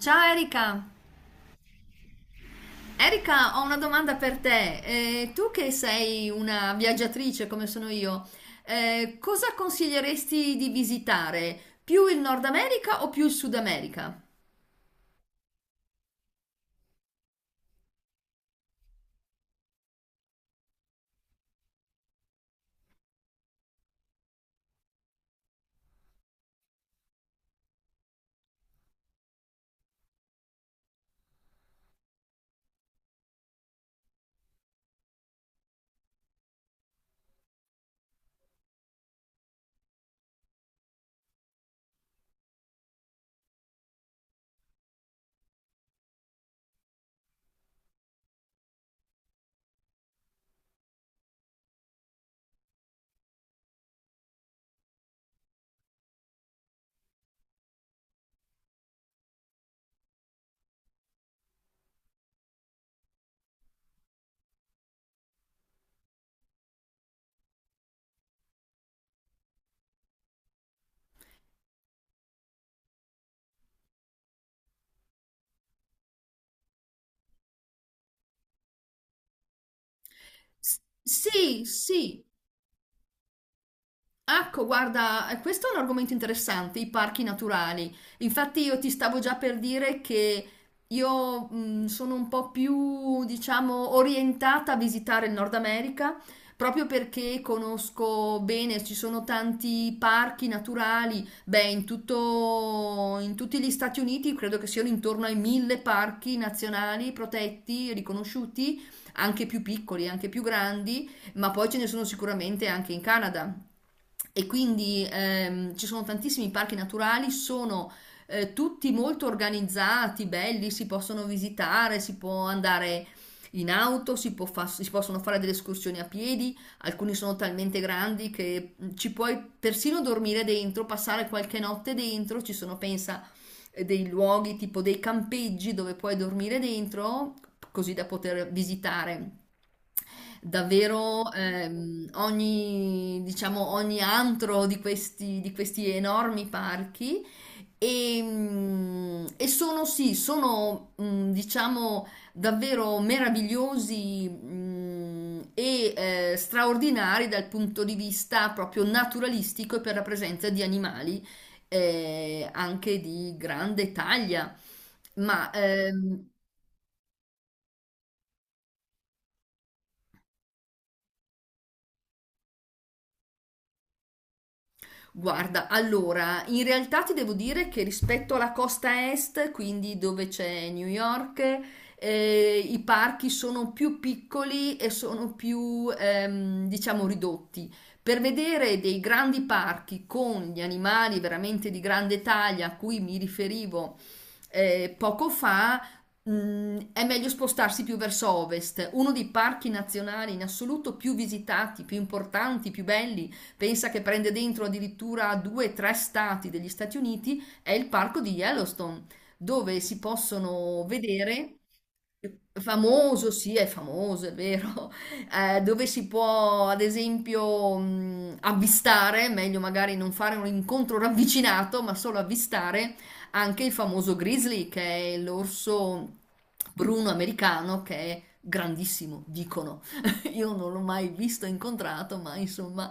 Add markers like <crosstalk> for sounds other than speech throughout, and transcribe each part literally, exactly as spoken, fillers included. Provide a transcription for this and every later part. Ciao Erika! Erika, ho una domanda per te. Eh, tu che sei una viaggiatrice come sono io, eh, cosa consiglieresti di visitare? Più il Nord America o più il Sud America? S- sì, sì. Ecco, guarda, eh, questo è un argomento interessante, i parchi naturali. Infatti io ti stavo già per dire che io mh, sono un po' più, diciamo, orientata a visitare il Nord America, proprio perché conosco bene, ci sono tanti parchi naturali, beh, in tutto, in tutti gli Stati Uniti credo che siano intorno ai mille parchi nazionali protetti, riconosciuti, anche più piccoli, anche più grandi, ma poi ce ne sono sicuramente anche in Canada. E quindi ehm, ci sono tantissimi parchi naturali, sono eh, tutti molto organizzati, belli, si possono visitare, si può andare in auto, si può fa- si possono fare delle escursioni a piedi, alcuni sono talmente grandi che mm, ci puoi persino dormire dentro, passare qualche notte dentro, ci sono, pensa, eh, dei luoghi tipo dei campeggi dove puoi dormire dentro, così da poter visitare davvero, ehm, ogni, diciamo, ogni antro di questi, di questi enormi parchi. E, mm, e sono sì, sono, mm, diciamo, davvero meravigliosi, mm, e eh, straordinari dal punto di vista proprio naturalistico e per la presenza di animali, eh, anche di grande taglia. Ma ehm, Guarda, allora, in realtà ti devo dire che rispetto alla costa est, quindi dove c'è New York, eh, i parchi sono più piccoli e sono più, ehm, diciamo, ridotti. Per vedere dei grandi parchi con gli animali veramente di grande taglia a cui mi riferivo eh, poco fa, mh, è meglio spostarsi più verso ovest. Uno dei parchi nazionali in assoluto più visitati, più importanti, più belli. Pensa che prende dentro addirittura due o tre stati degli Stati Uniti, è il parco di Yellowstone, dove si possono vedere. Famoso, sì, è famoso, è vero. <laughs> Eh, dove si può, ad esempio, mh, avvistare, meglio magari non fare un incontro ravvicinato, ma solo avvistare anche il famoso grizzly, che è l'orso bruno americano, che è grandissimo, dicono. <laughs> Io non l'ho mai visto, incontrato, ma insomma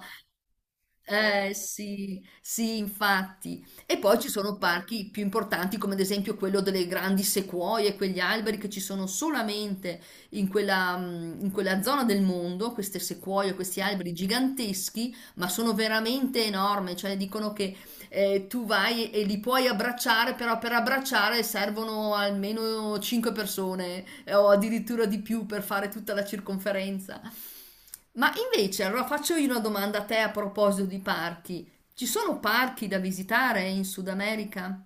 eh sì, sì, infatti. E poi ci sono parchi più importanti, come ad esempio quello delle grandi sequoie, quegli alberi che ci sono solamente in quella, mm, in quella zona del mondo, queste sequoie, questi alberi giganteschi, ma sono veramente enormi, cioè dicono che eh, tu vai e li puoi abbracciare, però per abbracciare servono almeno cinque persone, eh, o addirittura di più per fare tutta la circonferenza. Ma invece, allora faccio io una domanda a te a proposito di parchi. Ci sono parchi da visitare in Sud America?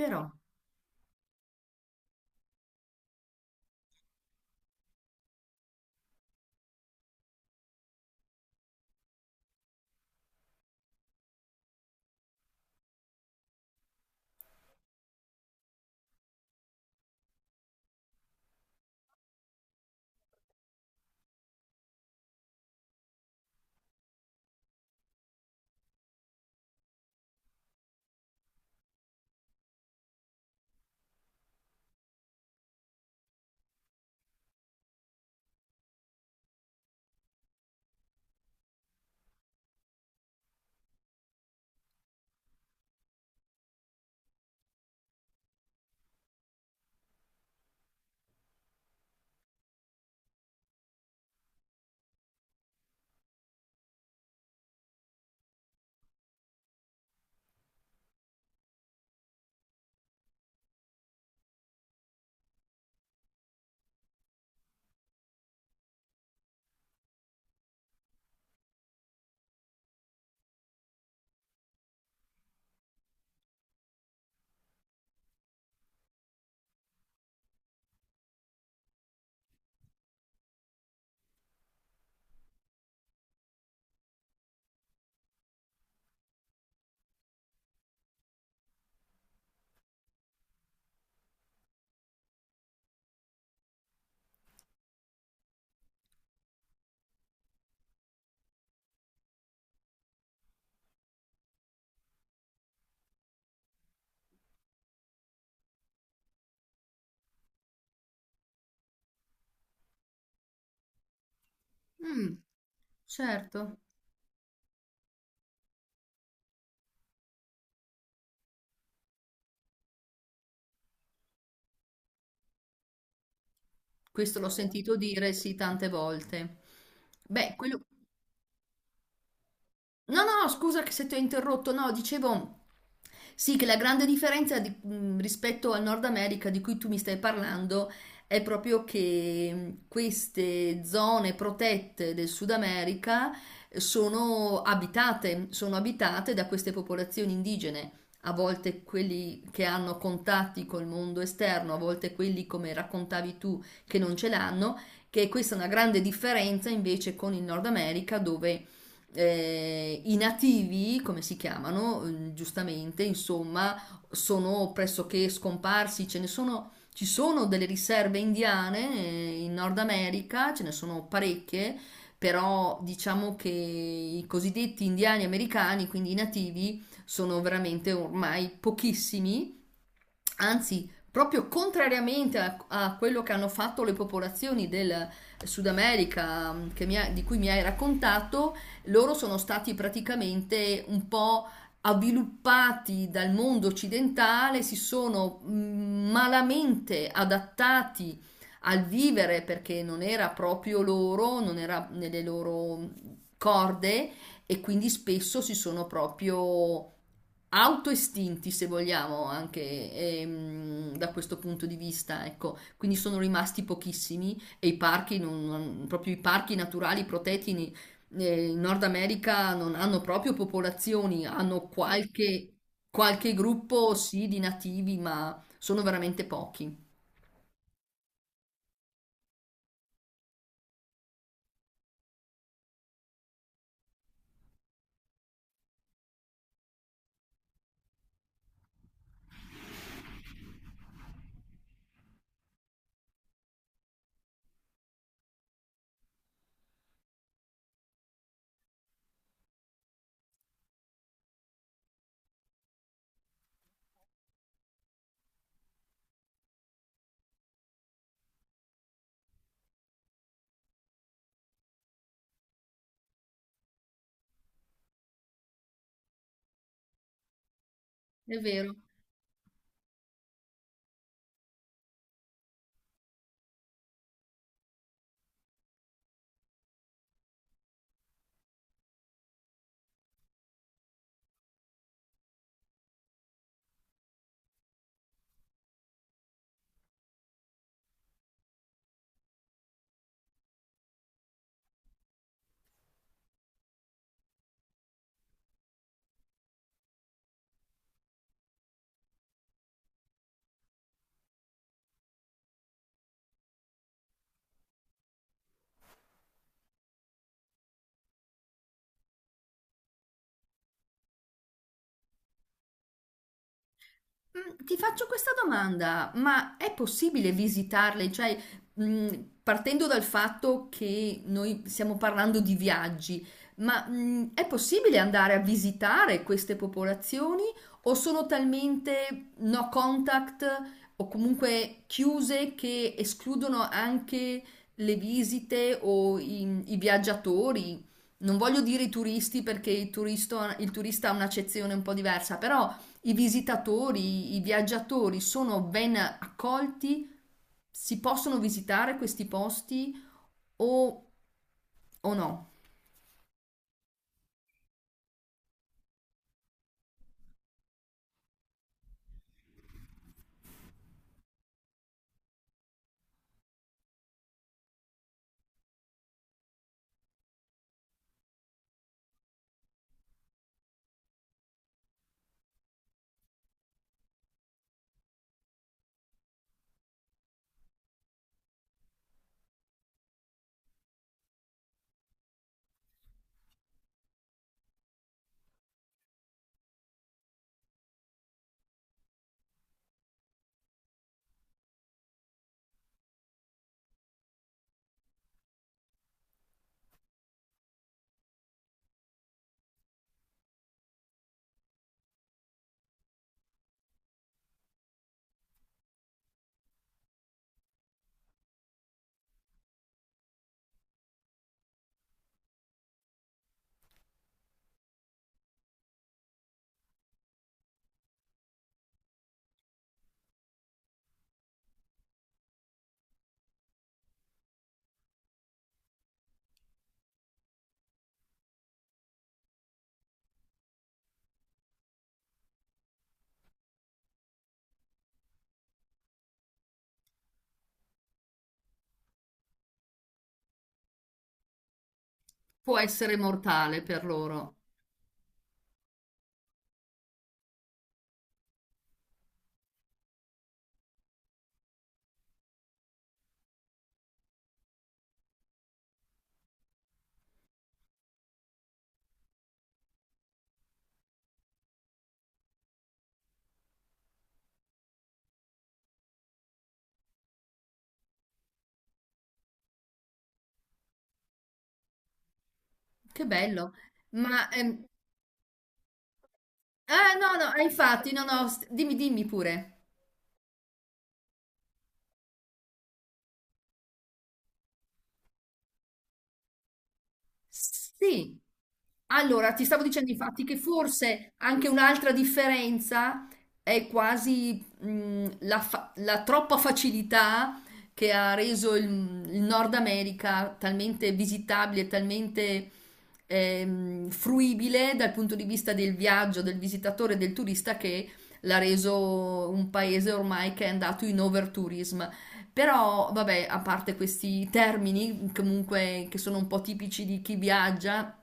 Però, mm, certo, questo l'ho sentito dire sì tante volte. Beh, quello, no, no, no, scusa che se ti ho interrotto, no, dicevo sì che la grande differenza di- mh, rispetto al Nord America di cui tu mi stai parlando è proprio che, mh, queste zone protette del Sud America sono abitate, sono abitate da queste popolazioni indigene. A volte quelli che hanno contatti col mondo esterno, a volte quelli, come raccontavi tu, che non ce l'hanno, che questa è una grande differenza invece con il Nord America, dove eh, i nativi, come si chiamano, eh, giustamente, insomma, sono pressoché scomparsi, ce ne sono, ci sono delle riserve indiane eh, in Nord America, ce ne sono parecchie, però diciamo che i cosiddetti indiani americani, quindi i nativi, sono veramente ormai pochissimi. Anzi, proprio contrariamente a, a quello che hanno fatto le popolazioni del Sud America, mh, che mi ha- di cui mi hai raccontato, loro sono stati praticamente un po' avviluppati dal mondo occidentale, si sono, mh, malamente adattati al vivere perché non era proprio loro, non era nelle loro corde e quindi spesso si sono proprio autoestinti, se vogliamo, anche ehm, da questo punto di vista, ecco, quindi sono rimasti pochissimi e i parchi, non- non- proprio i parchi naturali protetti in, eh, in Nord America non hanno proprio popolazioni, hanno qualche, qualche gruppo sì di nativi, ma sono veramente pochi. È vero. Mm, Ti faccio questa domanda, ma è possibile visitarle? Cioè, mm, partendo dal fatto che noi stiamo parlando di viaggi, ma, mm, è possibile andare a visitare queste popolazioni o sono talmente no contact o comunque chiuse che escludono anche le visite o i, i viaggiatori? Non voglio dire i turisti perché il turisto- il turista ha un'accezione un po' diversa, però... I visitatori, i viaggiatori sono ben accolti? Si possono visitare questi posti o, o no? Può essere mortale per loro. Che bello. Ma... ehm, ah, no, no, eh, infatti, no, no, st- dimmi, dimmi pure. Sì. Allora, ti stavo dicendo infatti che forse anche un'altra differenza è quasi, mh, la, fa- la troppa facilità che ha reso il, il Nord America talmente visitabile, talmente ehm, fruibile dal punto di vista del viaggio, del visitatore, del turista, che l'ha reso un paese ormai che è andato in overtourism. Però, vabbè, a parte questi termini, comunque, che sono un po' tipici di chi viaggia,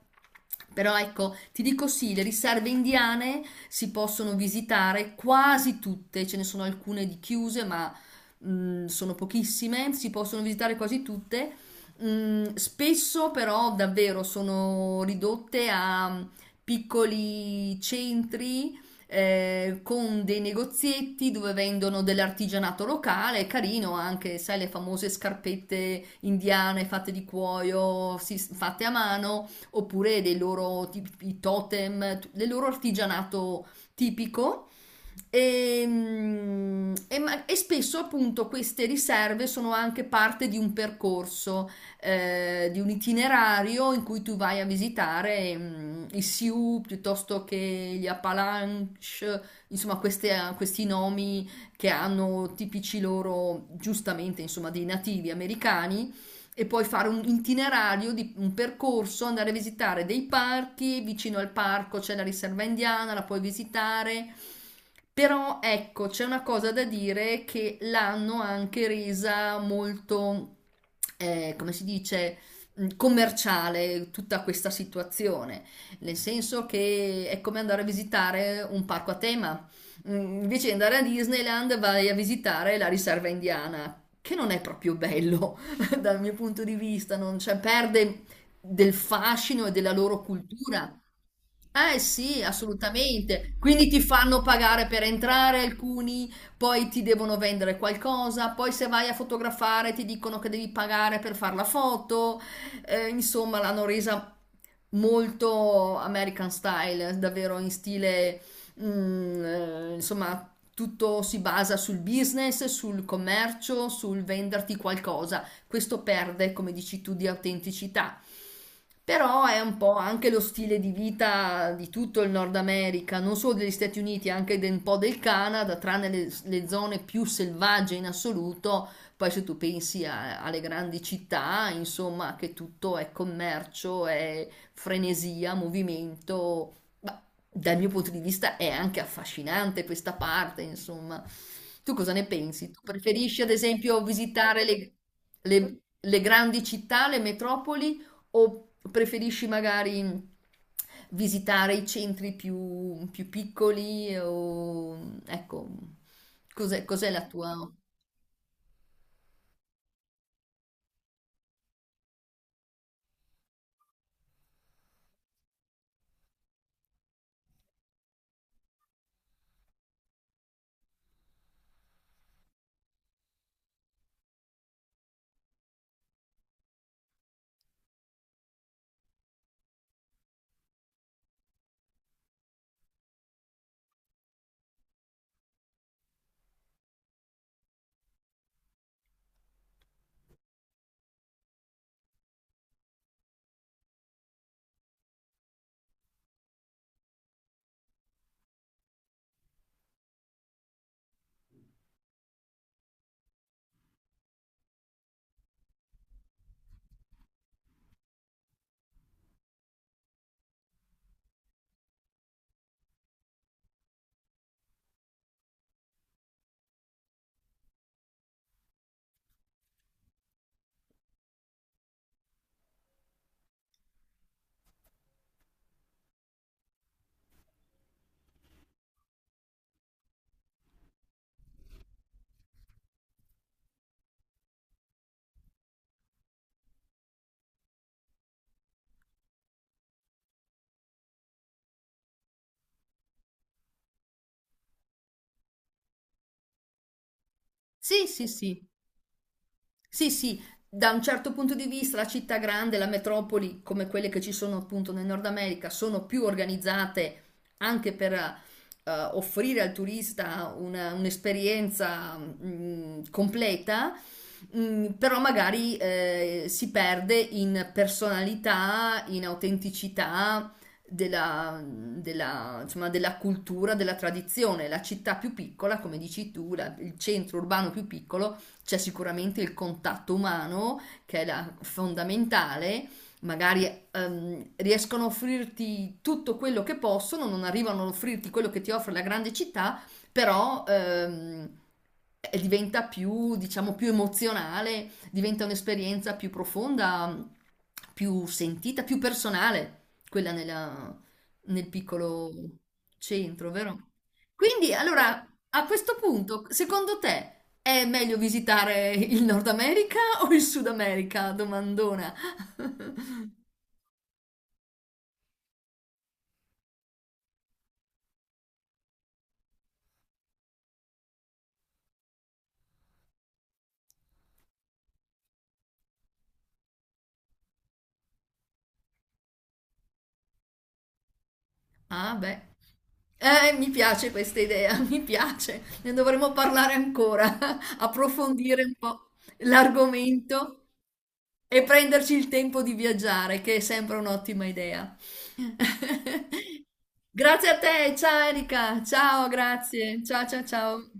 però ecco, ti dico sì, le riserve indiane si possono visitare quasi tutte, ce ne sono alcune di chiuse, ma mh, sono pochissime, si possono visitare quasi tutte. Mm, spesso però davvero sono ridotte a, mm, piccoli centri eh, con dei negozietti dove vendono dell'artigianato locale, carino anche, sai, le famose scarpette indiane fatte di cuoio, si- fatte a mano, oppure dei loro tipi, totem, t- del loro artigianato tipico. E, mm, e ma- e spesso appunto queste riserve sono anche parte di un percorso, eh, di un itinerario in cui tu vai a visitare, mm, i Sioux piuttosto che gli Appalache, insomma queste- eh, questi nomi che hanno tipici loro, giustamente, insomma, dei nativi americani, e poi fare un itinerario di un percorso, andare a visitare dei parchi, vicino al parco c'è la riserva indiana, la puoi visitare. Però ecco, c'è una cosa da dire, che l'hanno anche resa molto, eh, come si dice, mh, commerciale, tutta questa situazione, nel senso che è come andare a visitare un parco a tema. Mm, Invece di andare a Disneyland vai a visitare la riserva indiana, che non è proprio bello. <laughs> Dal mio punto di vista, non, cioè, perde del fascino e della loro cultura. Eh sì, assolutamente. Quindi ti fanno pagare per entrare alcuni, poi ti devono vendere qualcosa, poi se vai a fotografare ti dicono che devi pagare per fare la foto. Eh, insomma, l'hanno resa molto American style, davvero in stile, mm, eh, insomma, tutto si basa sul business, sul commercio, sul venderti qualcosa, questo perde, come dici tu, di autenticità. Però è un po' anche lo stile di vita di tutto il Nord America, non solo degli Stati Uniti, anche de- un po' del Canada, tranne le, le zone più selvagge in assoluto. Poi se tu pensi a- alle grandi città, insomma, che tutto è commercio, è frenesia, movimento. Ma dal mio punto di vista è anche affascinante questa parte, insomma. Tu cosa ne pensi? Tu preferisci, ad esempio, visitare le le, le grandi città, le metropoli, o preferisci magari visitare i centri più, più piccoli? O, ecco, cos'è, cos'è la tua... Sì, sì, sì. Sì, sì, da un certo punto di vista la città grande, la metropoli, come quelle che ci sono appunto nel Nord America, sono più organizzate anche per, eh, offrire al turista una- un'esperienza mh, completa, mh, però magari, eh, si perde in personalità, in autenticità della, della, insomma, della cultura, della tradizione. La città più piccola, come dici tu, la- il centro urbano più piccolo, c'è sicuramente il contatto umano che è la- fondamentale, magari ehm, riescono a offrirti tutto quello che possono, non arrivano ad offrirti quello che ti offre la grande città, però ehm, eh, diventa più, diciamo, più emozionale, diventa un'esperienza più profonda, più sentita, più personale, quella nella- nel piccolo centro, vero? Quindi, allora, a questo punto, secondo te è meglio visitare il Nord America o il Sud America? Domandona. Ah, beh. Eh, mi piace questa idea, <laughs> mi piace. Ne dovremo parlare ancora, <laughs> approfondire un po' l'argomento. E prenderci il tempo di viaggiare, che è sempre un'ottima idea. <laughs> Grazie a te, ciao Erika, ciao, grazie, ciao ciao ciao.